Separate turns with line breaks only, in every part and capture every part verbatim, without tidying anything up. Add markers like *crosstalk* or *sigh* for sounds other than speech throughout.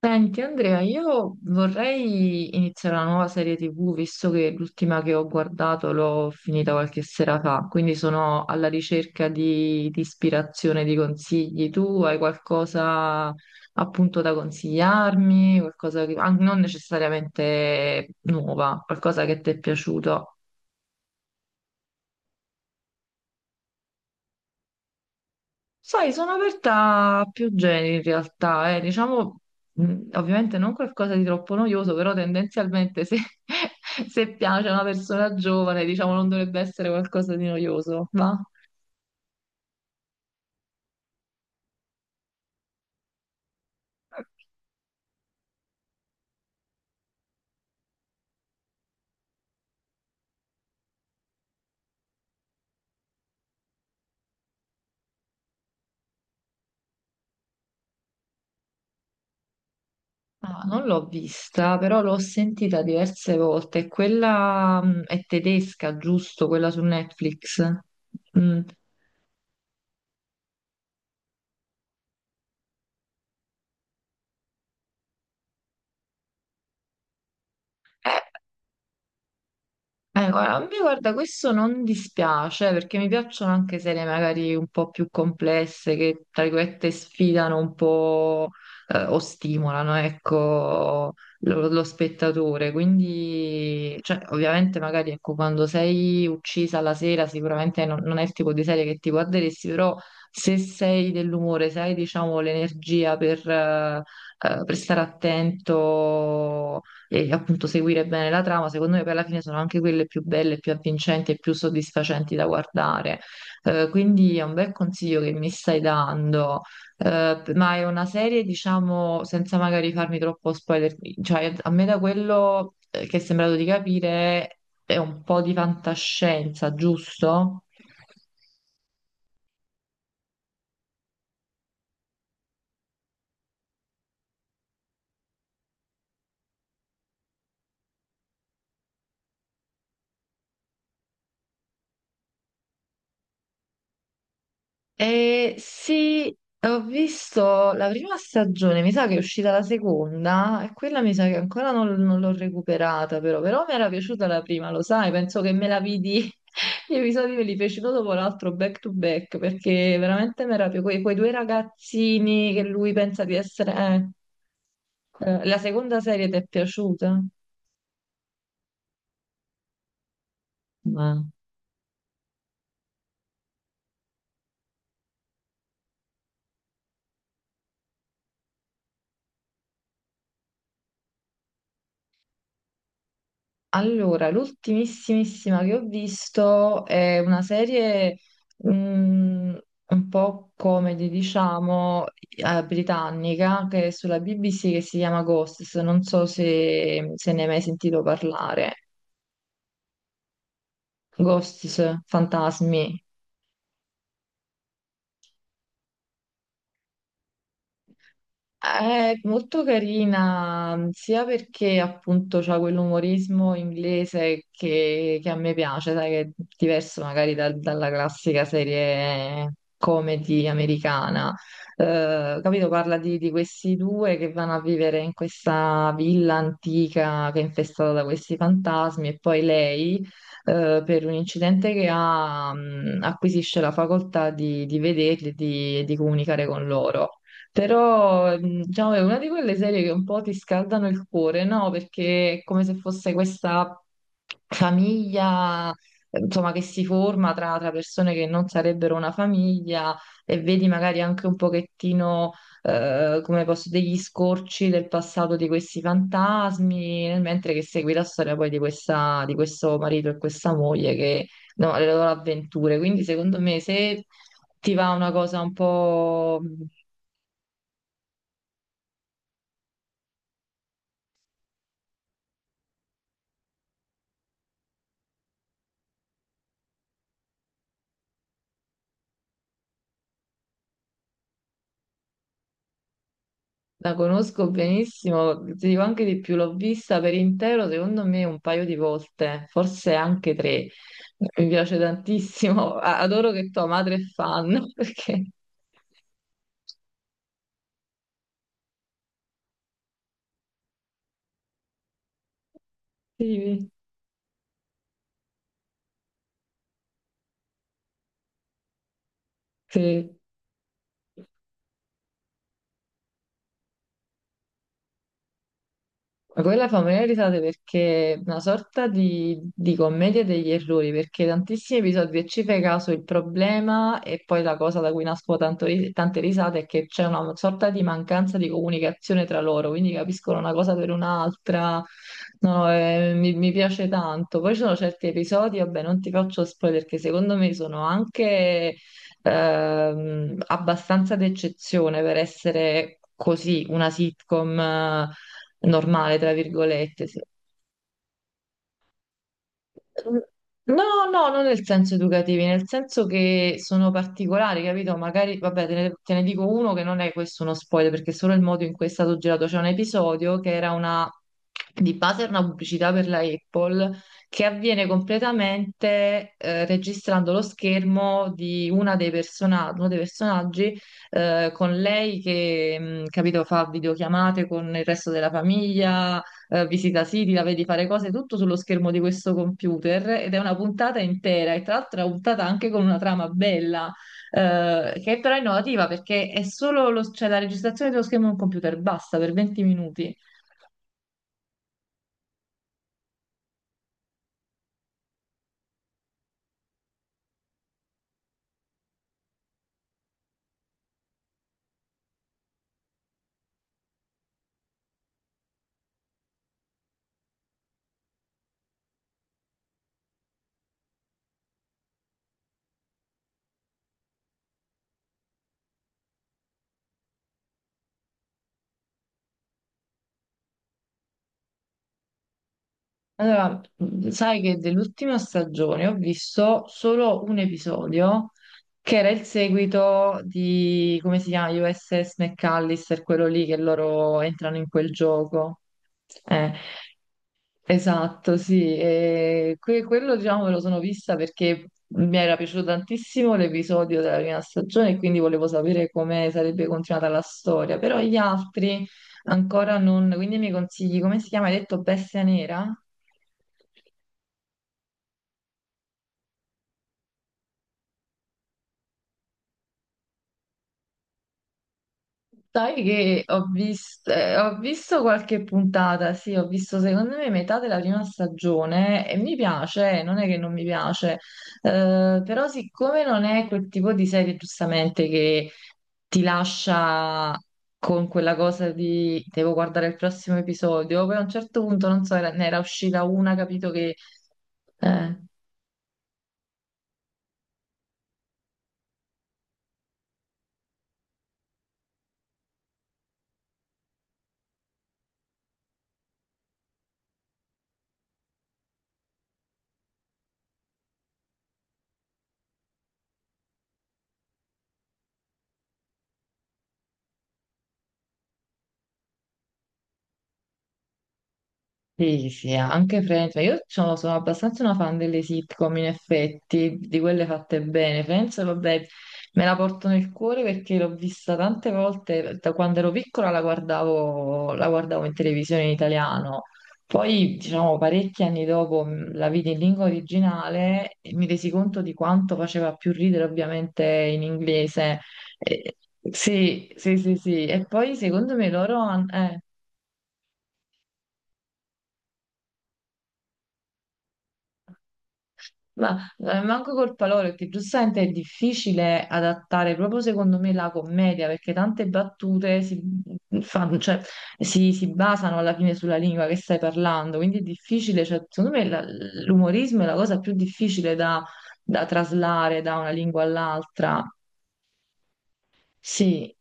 Senti Andrea, io vorrei iniziare una nuova serie ti vu, visto che l'ultima che ho guardato l'ho finita qualche sera fa, quindi sono alla ricerca di, di ispirazione, di consigli. Tu hai qualcosa appunto da consigliarmi, qualcosa che, an- non necessariamente nuova, qualcosa che ti è piaciuto? Sai, sono aperta a più generi in realtà, eh. Diciamo, mh, ovviamente non qualcosa di troppo noioso, però tendenzialmente se, *laughs* se piace a una persona giovane, diciamo, non dovrebbe essere qualcosa di noioso, va? Ah, non l'ho vista, però l'ho sentita diverse volte. Quella, mh, è tedesca, giusto? Quella su Netflix. Mm. Eh, Eh, guarda, a me guarda, questo non dispiace eh, perché mi piacciono anche serie magari un po' più complesse che tra virgolette sfidano un po' eh, o stimolano, ecco, lo, lo spettatore. Quindi, cioè, ovviamente magari ecco, quando sei uccisa la sera sicuramente non, non è il tipo di serie che ti guarderesti, però se sei dell'umore, se hai diciamo l'energia per, eh, eh, per stare attento e appunto seguire bene la trama, secondo me poi alla fine sono anche quelle più belle, più avvincenti e più soddisfacenti da guardare. Eh, quindi è un bel consiglio che mi stai dando. Eh, ma è una serie, diciamo, senza magari farmi troppo spoiler, cioè a me da quello eh, che è sembrato di capire è un po' di fantascienza, giusto? Eh, sì, ho visto la prima stagione, mi sa che è uscita la seconda e quella mi sa che ancora non, non l'ho recuperata però, però mi era piaciuta la prima, lo sai, penso che me la vidi, *laughs* gli episodi me li feci uno dopo l'altro back to back perché veramente mi era più quei, quei due ragazzini che lui pensa di essere... eh, eh, la seconda serie ti è piaciuta? Allora, l'ultimissimissima che ho visto è una serie mm, un po' comedy, diciamo, eh, britannica, che è sulla bi bi ci che si chiama Ghosts. Non so se, se ne hai mai sentito parlare. Ghosts, fantasmi. È molto carina, sia perché appunto c'ha quell'umorismo inglese che, che a me piace, sai, che è diverso magari dal- dalla classica serie comedy americana. Eh, capito? Parla di, di questi due che vanno a vivere in questa villa antica che è infestata da questi fantasmi e poi lei, eh, per un incidente che ha, mh, acquisisce la facoltà di, di vederli e di di comunicare con loro. Però, mh, diciamo, è una di quelle serie che un po' ti scaldano il cuore, no? Perché è come se fosse questa famiglia, eh, insomma, che si forma tra, tra persone che non sarebbero una famiglia e vedi magari anche un pochettino, eh, come posso, degli scorci del passato di questi fantasmi, nel mentre che segui la storia poi di questa, di questo marito e questa moglie che, no, le loro avventure. Quindi, secondo me, se ti va una cosa un po' mm, la conosco benissimo, ti dico anche di più, l'ho vista per intero, secondo me un paio di volte, forse anche tre. Mi piace tantissimo, *laughs* a- adoro che tua madre è fan, *laughs* perché sì, sì. Ma quella fa morire risate perché è una sorta di, di commedia degli errori, perché tantissimi episodi e ci fai caso il problema e poi la cosa da cui nascono tanto ri- tante risate è che c'è una sorta di mancanza di comunicazione tra loro, quindi capiscono una cosa per un'altra, no, no, eh, mi, mi piace tanto. Poi ci sono certi episodi, vabbè, non ti faccio spoiler, che secondo me sono anche ehm, abbastanza d'eccezione per essere così, una sitcom normale, tra virgolette. Sì. No, no, non nel senso educativi, nel senso che sono particolari, capito? Magari, vabbè, te ne, te ne dico uno che non è questo uno spoiler, perché è solo il modo in cui è stato girato. C'è un episodio che era una, di base era una pubblicità per la Apple, che avviene completamente eh, registrando lo schermo di una dei persona- uno dei personaggi eh, con lei che, mh, capito, fa videochiamate con il resto della famiglia, eh, visita siti, la vedi fare cose, tutto sullo schermo di questo computer ed è una puntata intera e tra l'altro è una puntata anche con una trama bella, eh, che è però innovativa perché è solo lo- cioè, la registrazione dello schermo di un computer, basta per venti minuti. Allora, mh, sai che dell'ultima stagione ho visto solo un episodio che era il seguito di, come si chiama, U S S McAllister, quello lì che loro entrano in quel gioco. Eh, Esatto, sì, e que- quello diciamo me lo sono vista perché mi era piaciuto tantissimo l'episodio della prima stagione e quindi volevo sapere come sarebbe continuata la storia, però gli altri ancora non, quindi mi consigli, come si chiama? Hai detto Bestia Nera? Sai che ho visto, ho visto qualche puntata, sì, ho visto secondo me metà della prima stagione e mi piace, non è che non mi piace, eh, però siccome non è quel tipo di serie giustamente che ti lascia con quella cosa di devo guardare il prossimo episodio, poi a un certo punto, non so, era- ne era uscita una, capito che... eh, sì, sì, sì, anche Friends, ma io sono, sono abbastanza una fan delle sitcom in effetti, di quelle fatte bene. Friends, vabbè, me la porto nel cuore perché l'ho vista tante volte, da quando ero piccola la guardavo, la guardavo in televisione in italiano. Poi, diciamo, parecchi anni dopo mh, la vidi in lingua originale e mi resi conto di quanto faceva più ridere ovviamente in inglese. Eh, sì, sì, sì, sì. E poi secondo me loro... hanno ma eh, manco col palore, perché giustamente è difficile adattare proprio secondo me la commedia, perché tante battute si, mm, fanno, cioè, si, si basano alla fine sulla lingua che stai parlando, quindi è difficile, cioè, secondo me la- l'umorismo è la cosa più difficile da, da traslare da una lingua all'altra. Sì,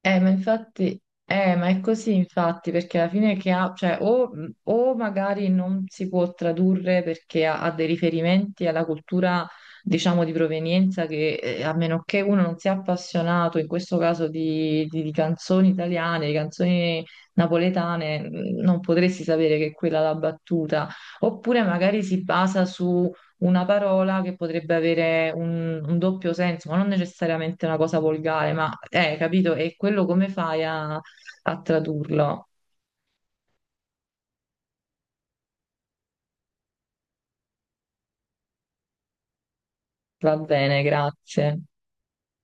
eh, ma infatti, eh, ma è così infatti, perché alla fine che ha, cioè, o, o magari non si può tradurre perché ha, ha dei riferimenti alla cultura, diciamo, di provenienza che, eh, a meno che uno non sia appassionato, in questo caso, di, di- di canzoni italiane, di canzoni napoletane, mm, non potresti sapere che è quella la battuta. Oppure magari si basa una parola che potrebbe avere un, un doppio senso, ma non necessariamente una cosa volgare, ma eh, capito? E quello come fai a, a tradurlo? Va bene, grazie.